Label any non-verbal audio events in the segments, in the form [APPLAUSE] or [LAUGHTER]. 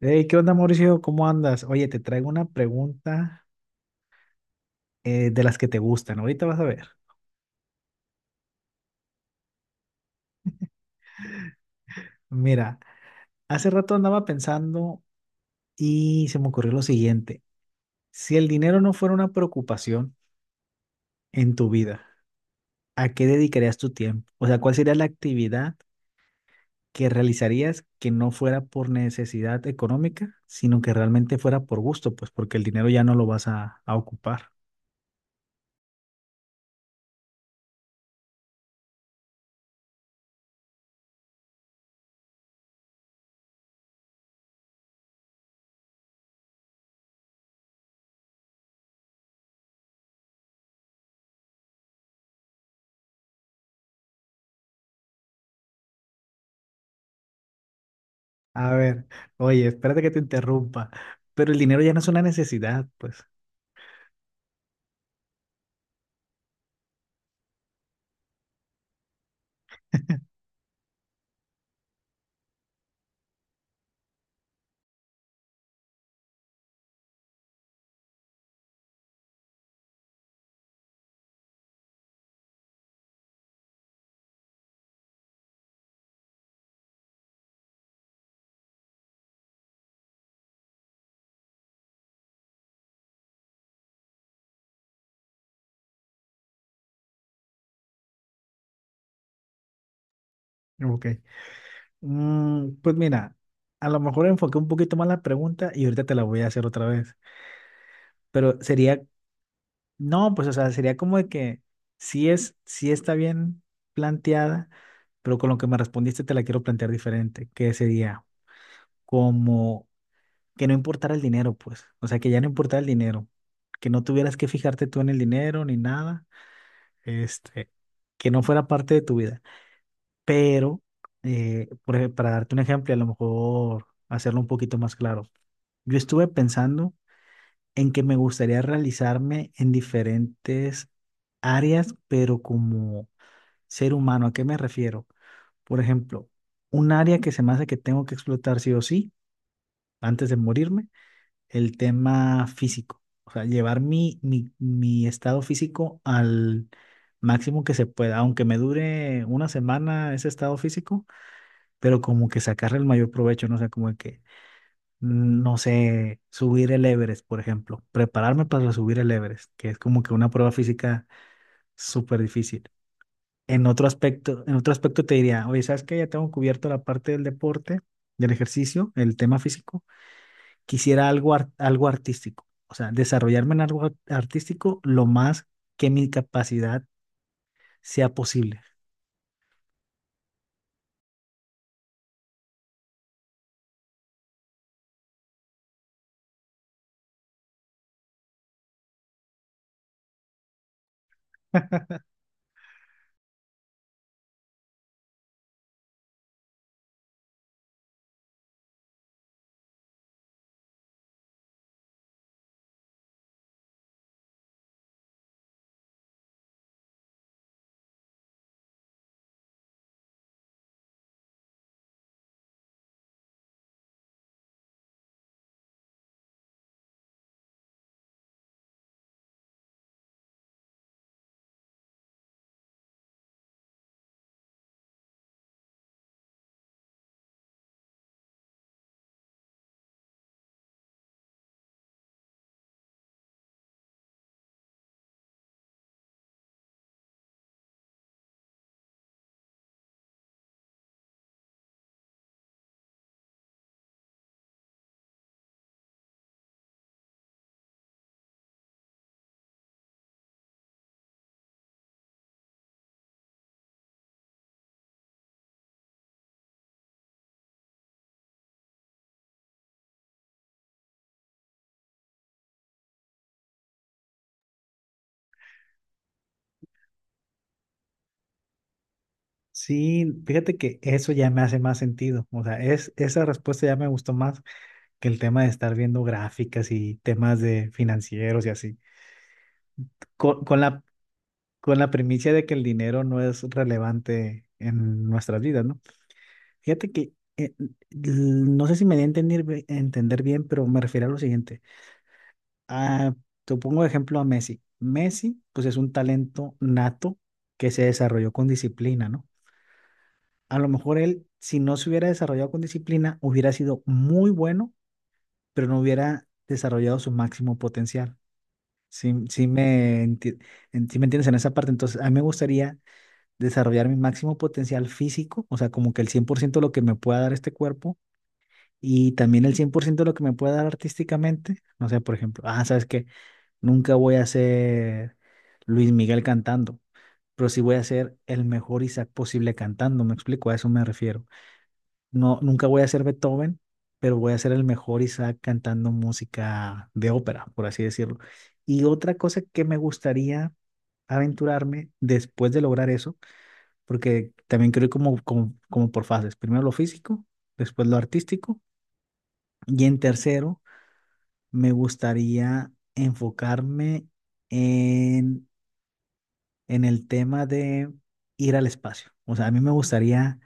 Hey, ¿qué onda, Mauricio? ¿Cómo andas? Oye, te traigo una pregunta de las que te gustan. Ahorita vas a ver. Mira, hace rato andaba pensando y se me ocurrió lo siguiente. Si el dinero no fuera una preocupación en tu vida, ¿a qué dedicarías tu tiempo? O sea, ¿cuál sería la actividad que realizarías que no fuera por necesidad económica, sino que realmente fuera por gusto? Pues porque el dinero ya no lo vas a ocupar. A ver, oye, espérate que te interrumpa, pero el dinero ya no es una necesidad, pues. Ok. Pues mira, a lo mejor enfoqué un poquito más la pregunta y ahorita te la voy a hacer otra vez. Pero sería, no, pues o sea, sería como de que sí es, sí está bien planteada, pero con lo que me respondiste te la quiero plantear diferente, que sería como que no importara el dinero, pues. O sea, que ya no importara el dinero, que no tuvieras que fijarte tú en el dinero ni nada, este, que no fuera parte de tu vida. Pero, para darte un ejemplo, y a lo mejor hacerlo un poquito más claro, yo estuve pensando en que me gustaría realizarme en diferentes áreas, pero como ser humano, ¿a qué me refiero? Por ejemplo, un área que se me hace que tengo que explotar sí o sí, antes de morirme, el tema físico. O sea, llevar mi estado físico al máximo que se pueda, aunque me dure una semana ese estado físico, pero como que sacarle el mayor provecho, no sé, como de que, no sé, subir el Everest, por ejemplo, prepararme para subir el Everest, que es como que una prueba física súper difícil. En otro aspecto te diría, oye, ¿sabes qué? Ya tengo cubierto la parte del deporte, del ejercicio, el tema físico, quisiera algo artístico, o sea, desarrollarme en artístico lo más que mi capacidad sea posible. Sí, fíjate que eso ya me hace más sentido. O sea, esa respuesta ya me gustó más que el tema de estar viendo gráficas y temas de financieros y así, con, con la, con la primicia de que el dinero no es relevante en nuestras vidas, ¿no? Fíjate que, no sé si me di a entender bien, pero me refiero a lo siguiente. Ah, te pongo de ejemplo a Messi. Messi, pues es un talento nato que se desarrolló con disciplina, ¿no? A lo mejor él, si no se hubiera desarrollado con disciplina, hubiera sido muy bueno, pero no hubiera desarrollado su máximo potencial. Sí, sí me entiendes en esa parte. Entonces, a mí me gustaría desarrollar mi máximo potencial físico, o sea, como que el 100% lo que me pueda dar este cuerpo y también el 100% lo que me pueda dar artísticamente. No sé, por ejemplo, ah, ¿sabes qué? Nunca voy a ser Luis Miguel cantando, pero sí voy a ser el mejor Isaac posible cantando, me explico, a eso me refiero. No, nunca voy a ser Beethoven, pero voy a ser el mejor Isaac cantando música de ópera, por así decirlo. Y otra cosa que me gustaría aventurarme después de lograr eso, porque también creo como por fases. Primero lo físico, después lo artístico. Y en tercero, me gustaría enfocarme en, en el tema de ir al espacio. O sea, a mí me gustaría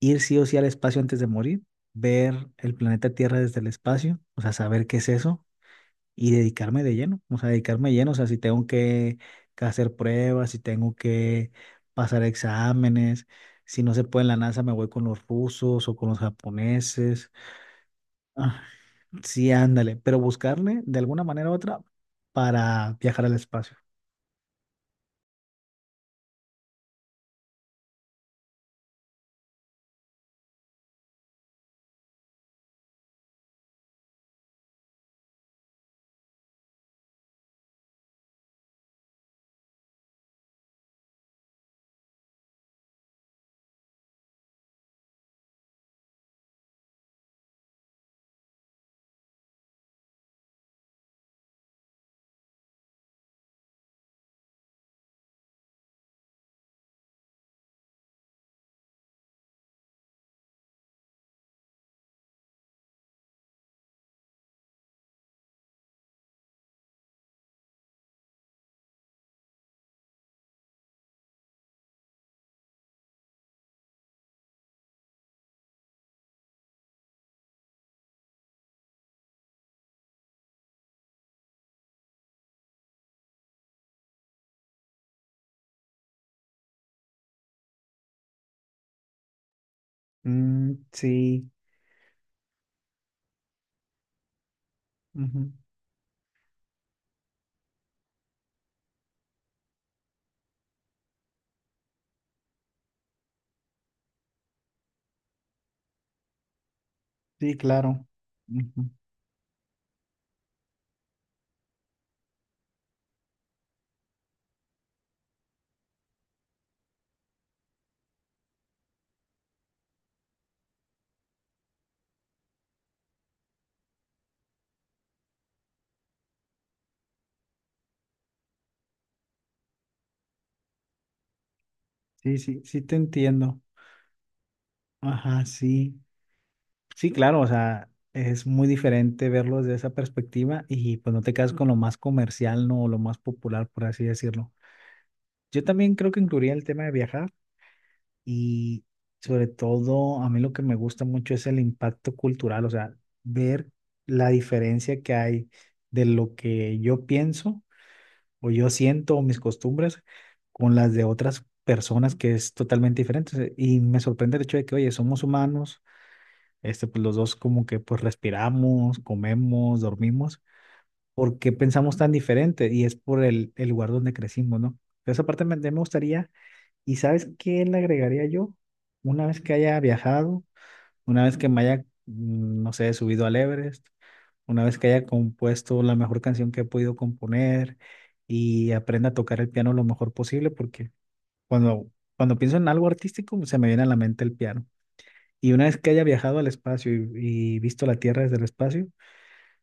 ir sí o sí al espacio antes de morir, ver el planeta Tierra desde el espacio, o sea, saber qué es eso y dedicarme de lleno, o sea, dedicarme de lleno, o sea, si tengo que hacer pruebas, si tengo que pasar exámenes, si no se puede en la NASA me voy con los rusos o con los japoneses. Ah, sí, ándale, pero buscarle de alguna manera u otra para viajar al espacio. Mm, sí. Ujú. Sí, claro. Ujú. Sí, sí, sí te entiendo. Ajá, sí. Sí, claro, o sea, es muy diferente verlo desde esa perspectiva y pues no te quedas con lo más comercial, no, o lo más popular, por así decirlo. Yo también creo que incluiría el tema de viajar y sobre todo a mí lo que me gusta mucho es el impacto cultural, o sea, ver la diferencia que hay de lo que yo pienso o yo siento o mis costumbres con las de otras personas que es totalmente diferente. O sea, y me sorprende el hecho de que, oye, somos humanos, pues los dos como que pues respiramos, comemos, dormimos. ¿Por qué pensamos tan diferente? Y es por el lugar donde crecimos, ¿no? Pero esa parte me gustaría, ¿y sabes qué le agregaría yo? Una vez que haya viajado, una vez que me haya no sé, subido al Everest, una vez que haya compuesto la mejor canción que he podido componer y aprenda a tocar el piano lo mejor posible, porque cuando, cuando pienso en algo artístico, se me viene a la mente el piano. Y una vez que haya viajado al espacio y visto la Tierra desde el espacio,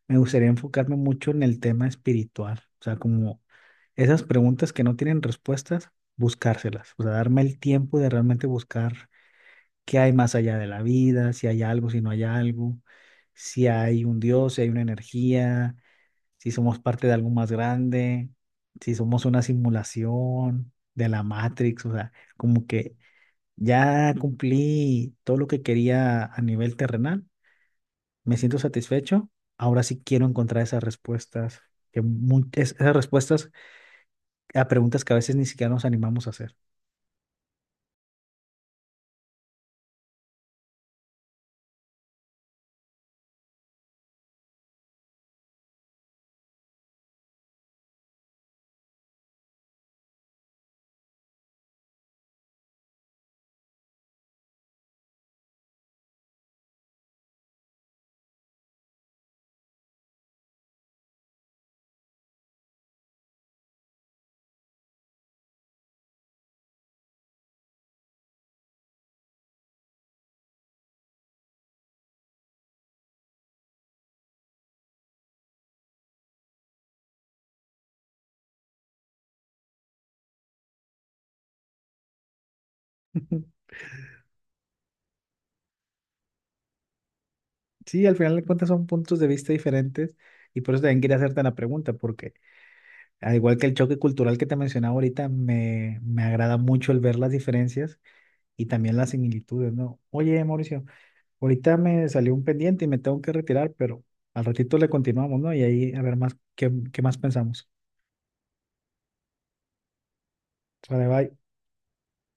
me gustaría enfocarme mucho en el tema espiritual. O sea, como esas preguntas que no tienen respuestas, buscárselas. O sea, darme el tiempo de realmente buscar qué hay más allá de la vida, si hay algo, si no hay algo, si hay un Dios, si hay una energía, si somos parte de algo más grande, si somos una simulación de la Matrix. O sea, como que ya cumplí todo lo que quería a nivel terrenal, me siento satisfecho. Ahora sí quiero encontrar esas respuestas, esas respuestas a preguntas que a veces ni siquiera nos animamos a hacer. [LAUGHS] Sí, al final de cuentas son puntos de vista diferentes y por eso también quería hacerte la pregunta, porque al igual que el choque cultural que te mencionaba ahorita, me agrada mucho el ver las diferencias y también las similitudes, ¿no? Oye, Mauricio, ahorita me salió un pendiente y me tengo que retirar, pero al ratito le continuamos, ¿no? Y ahí a ver más, qué más pensamos. Sale, bye.